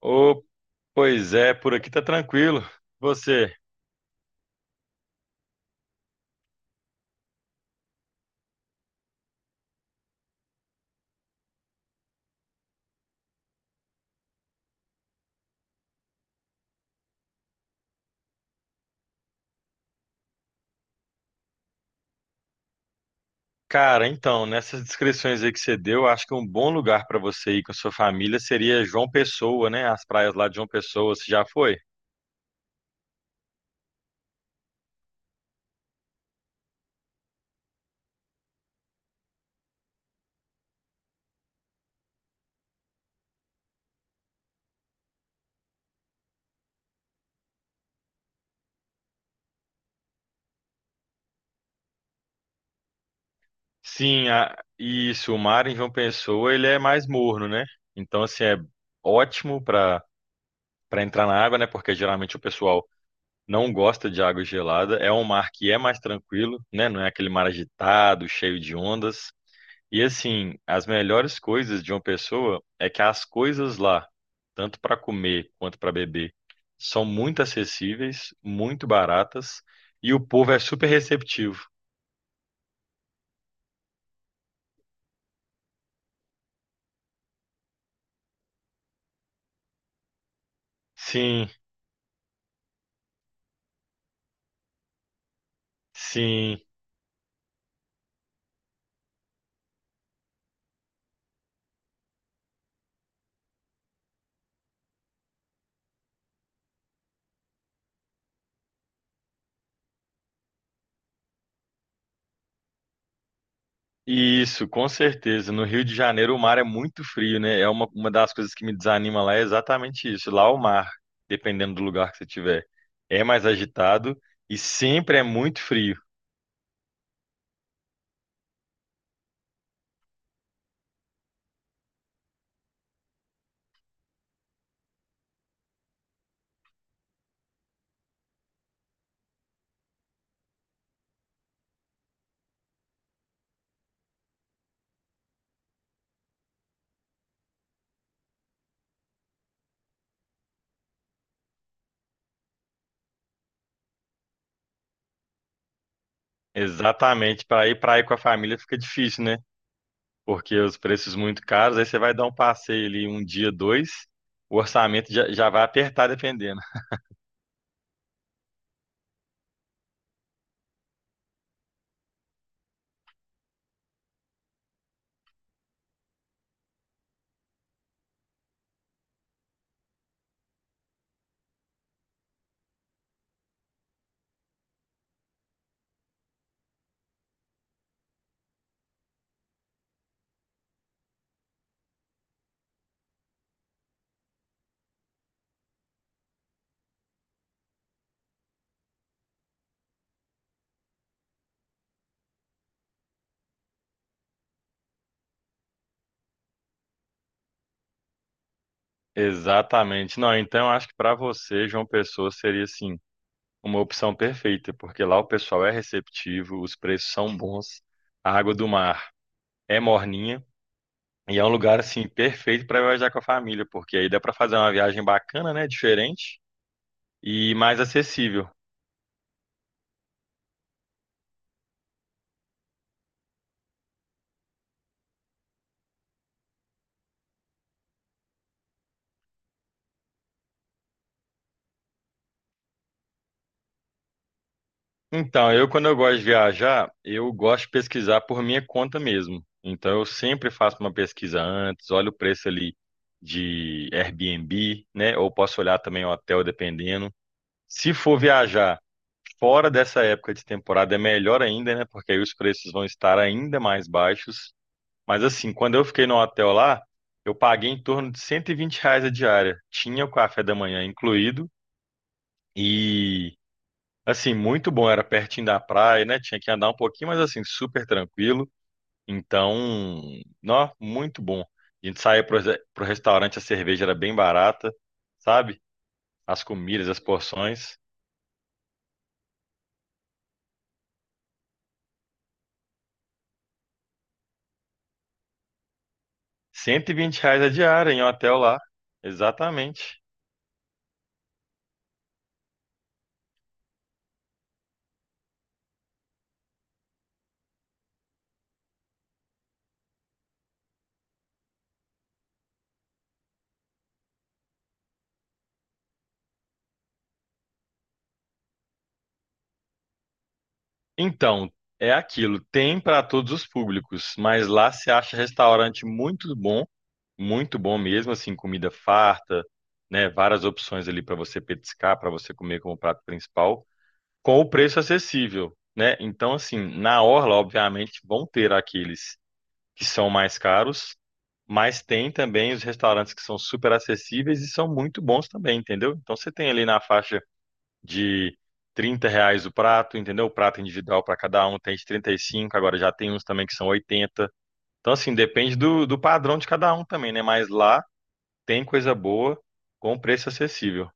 Ô, pois é, por aqui tá tranquilo. Você, cara, então, nessas descrições aí que você deu, acho que um bom lugar pra você ir com a sua família seria João Pessoa, né? As praias lá de João Pessoa, você já foi? Sim, isso, o mar em João Pessoa, ele é mais morno, né? Então, assim, é ótimo pra para entrar na água, né? Porque geralmente o pessoal não gosta de água gelada. É um mar que é mais tranquilo, né? Não é aquele mar agitado, cheio de ondas. E assim, as melhores coisas de uma pessoa é que as coisas lá, tanto para comer quanto para beber, são muito acessíveis, muito baratas e o povo é super receptivo. Sim, sim. E isso, com certeza. No Rio de Janeiro o mar é muito frio, né? É uma das coisas que me desanima lá é exatamente isso. Lá o mar, dependendo do lugar que você tiver, é mais agitado e sempre é muito frio. Exatamente, para ir com a família fica difícil, né? Porque os preços muito caros, aí você vai dar um passeio ali um dia, dois, o orçamento já vai apertar dependendo. Exatamente. Não, então eu acho que para você, João Pessoa, seria assim, uma opção perfeita, porque lá o pessoal é receptivo, os preços são bons, a água do mar é morninha. E é um lugar assim perfeito para viajar com a família, porque aí dá para fazer uma viagem bacana, né, diferente e mais acessível. Então, eu quando eu gosto de viajar, eu gosto de pesquisar por minha conta mesmo. Então, eu sempre faço uma pesquisa antes, olho o preço ali de Airbnb, né? Ou posso olhar também o hotel, dependendo. Se for viajar fora dessa época de temporada, é melhor ainda, né? Porque aí os preços vão estar ainda mais baixos. Mas assim, quando eu fiquei no hotel lá, eu paguei em torno de 120 reais a diária. Tinha o café da manhã incluído e assim, muito bom, era pertinho da praia, né? Tinha que andar um pouquinho, mas assim, super tranquilo. Então, nó, muito bom. A gente saía pro, pro restaurante, a cerveja era bem barata, sabe? As comidas, as porções. 120 reais a diária em um hotel lá. Exatamente. Então, é aquilo, tem para todos os públicos, mas lá se acha restaurante muito bom mesmo, assim, comida farta, né? Várias opções ali para você petiscar, para você comer como prato principal. Com o preço acessível, né? Então, assim, na orla, obviamente, vão ter aqueles que são mais caros, mas tem também os restaurantes que são super acessíveis e são muito bons também, entendeu? Então, você tem ali na faixa de 30 reais o prato, entendeu? O prato individual para cada um tem de 35, agora já tem uns também que são 80. Então, assim, depende do padrão de cada um também, né? Mas lá tem coisa boa com preço acessível.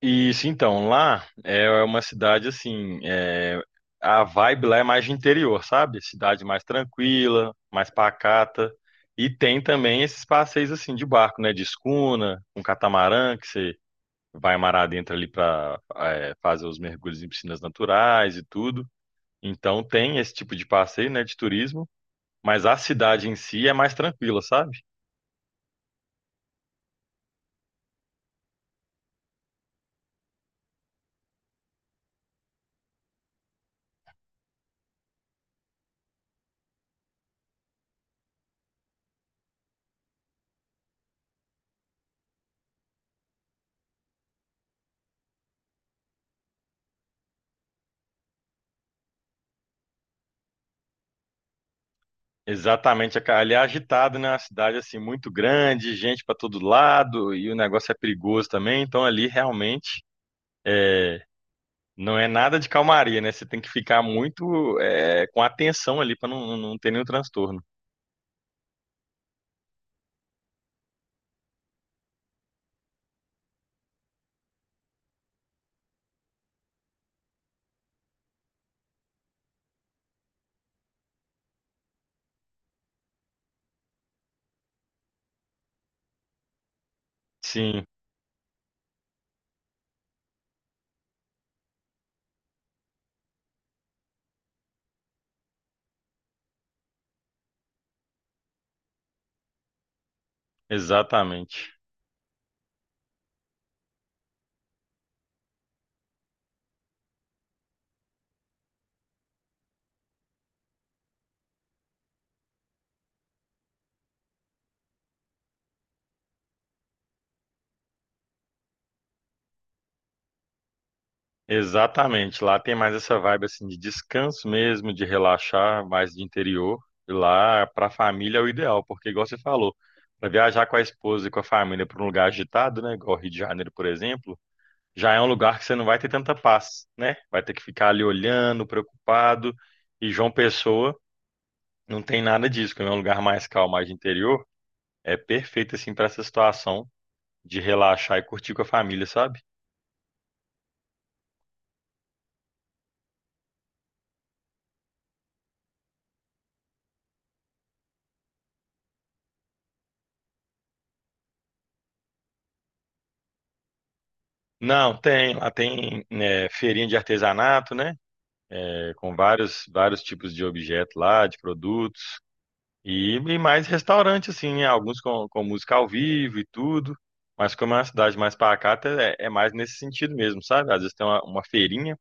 Isso, então, lá é uma cidade assim, é, a vibe lá é mais de interior, sabe? Cidade mais tranquila, mais pacata. E tem também esses passeios assim de barco, né? De escuna, um catamarã que você vai mar adentro ali para fazer os mergulhos em piscinas naturais e tudo. Então tem esse tipo de passeio, né? De turismo, mas a cidade em si é mais tranquila, sabe? Exatamente, cara. Ali é agitado, né? Uma cidade assim muito grande, gente para todo lado e o negócio é perigoso também. Então ali realmente é, não é nada de calmaria, né? Você tem que ficar muito é, com atenção ali para não ter nenhum transtorno. Sim, exatamente, exatamente. Lá tem mais essa vibe assim de descanso mesmo, de relaxar, mais de interior. E lá para a família é o ideal, porque igual você falou, para viajar com a esposa e com a família para um lugar agitado, né? Igual Rio de Janeiro, por exemplo já é um lugar que você não vai ter tanta paz, né? Vai ter que ficar ali olhando, preocupado. E João Pessoa não tem nada disso, como é um lugar mais calmo, mais de interior, é perfeito assim para essa situação de relaxar e curtir com a família, sabe? Não, tem, lá tem né, feirinha de artesanato, né? É, com vários, vários tipos de objetos lá, de produtos, e mais restaurante, assim, né? Alguns com música ao vivo e tudo. Mas como é uma cidade mais pacata, é mais nesse sentido mesmo, sabe? Às vezes tem uma feirinha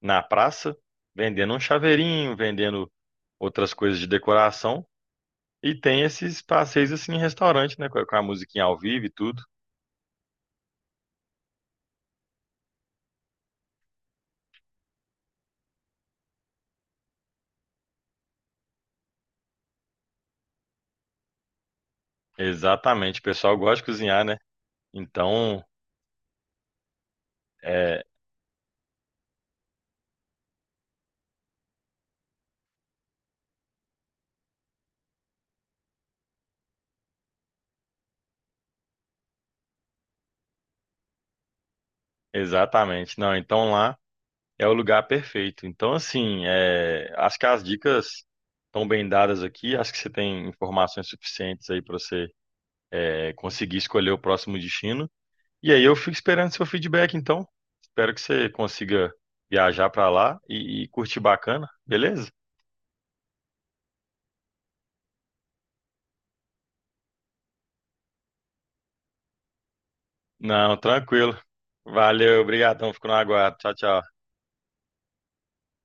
na praça, vendendo um chaveirinho, vendendo outras coisas de decoração. E tem esses passeios assim em restaurante, né? Com a musiquinha ao vivo e tudo. Exatamente, o pessoal gosta de cozinhar, né? Então, é, exatamente. Não, então lá é o lugar perfeito. Então, assim, é, acho que as dicas estão bem dadas aqui. Acho que você tem informações suficientes aí para você conseguir escolher o próximo destino. E aí eu fico esperando seu feedback, então. Espero que você consiga viajar pra lá e curtir bacana, beleza? Não, tranquilo. Valeu, obrigadão. Fico no aguardo. Tchau, tchau.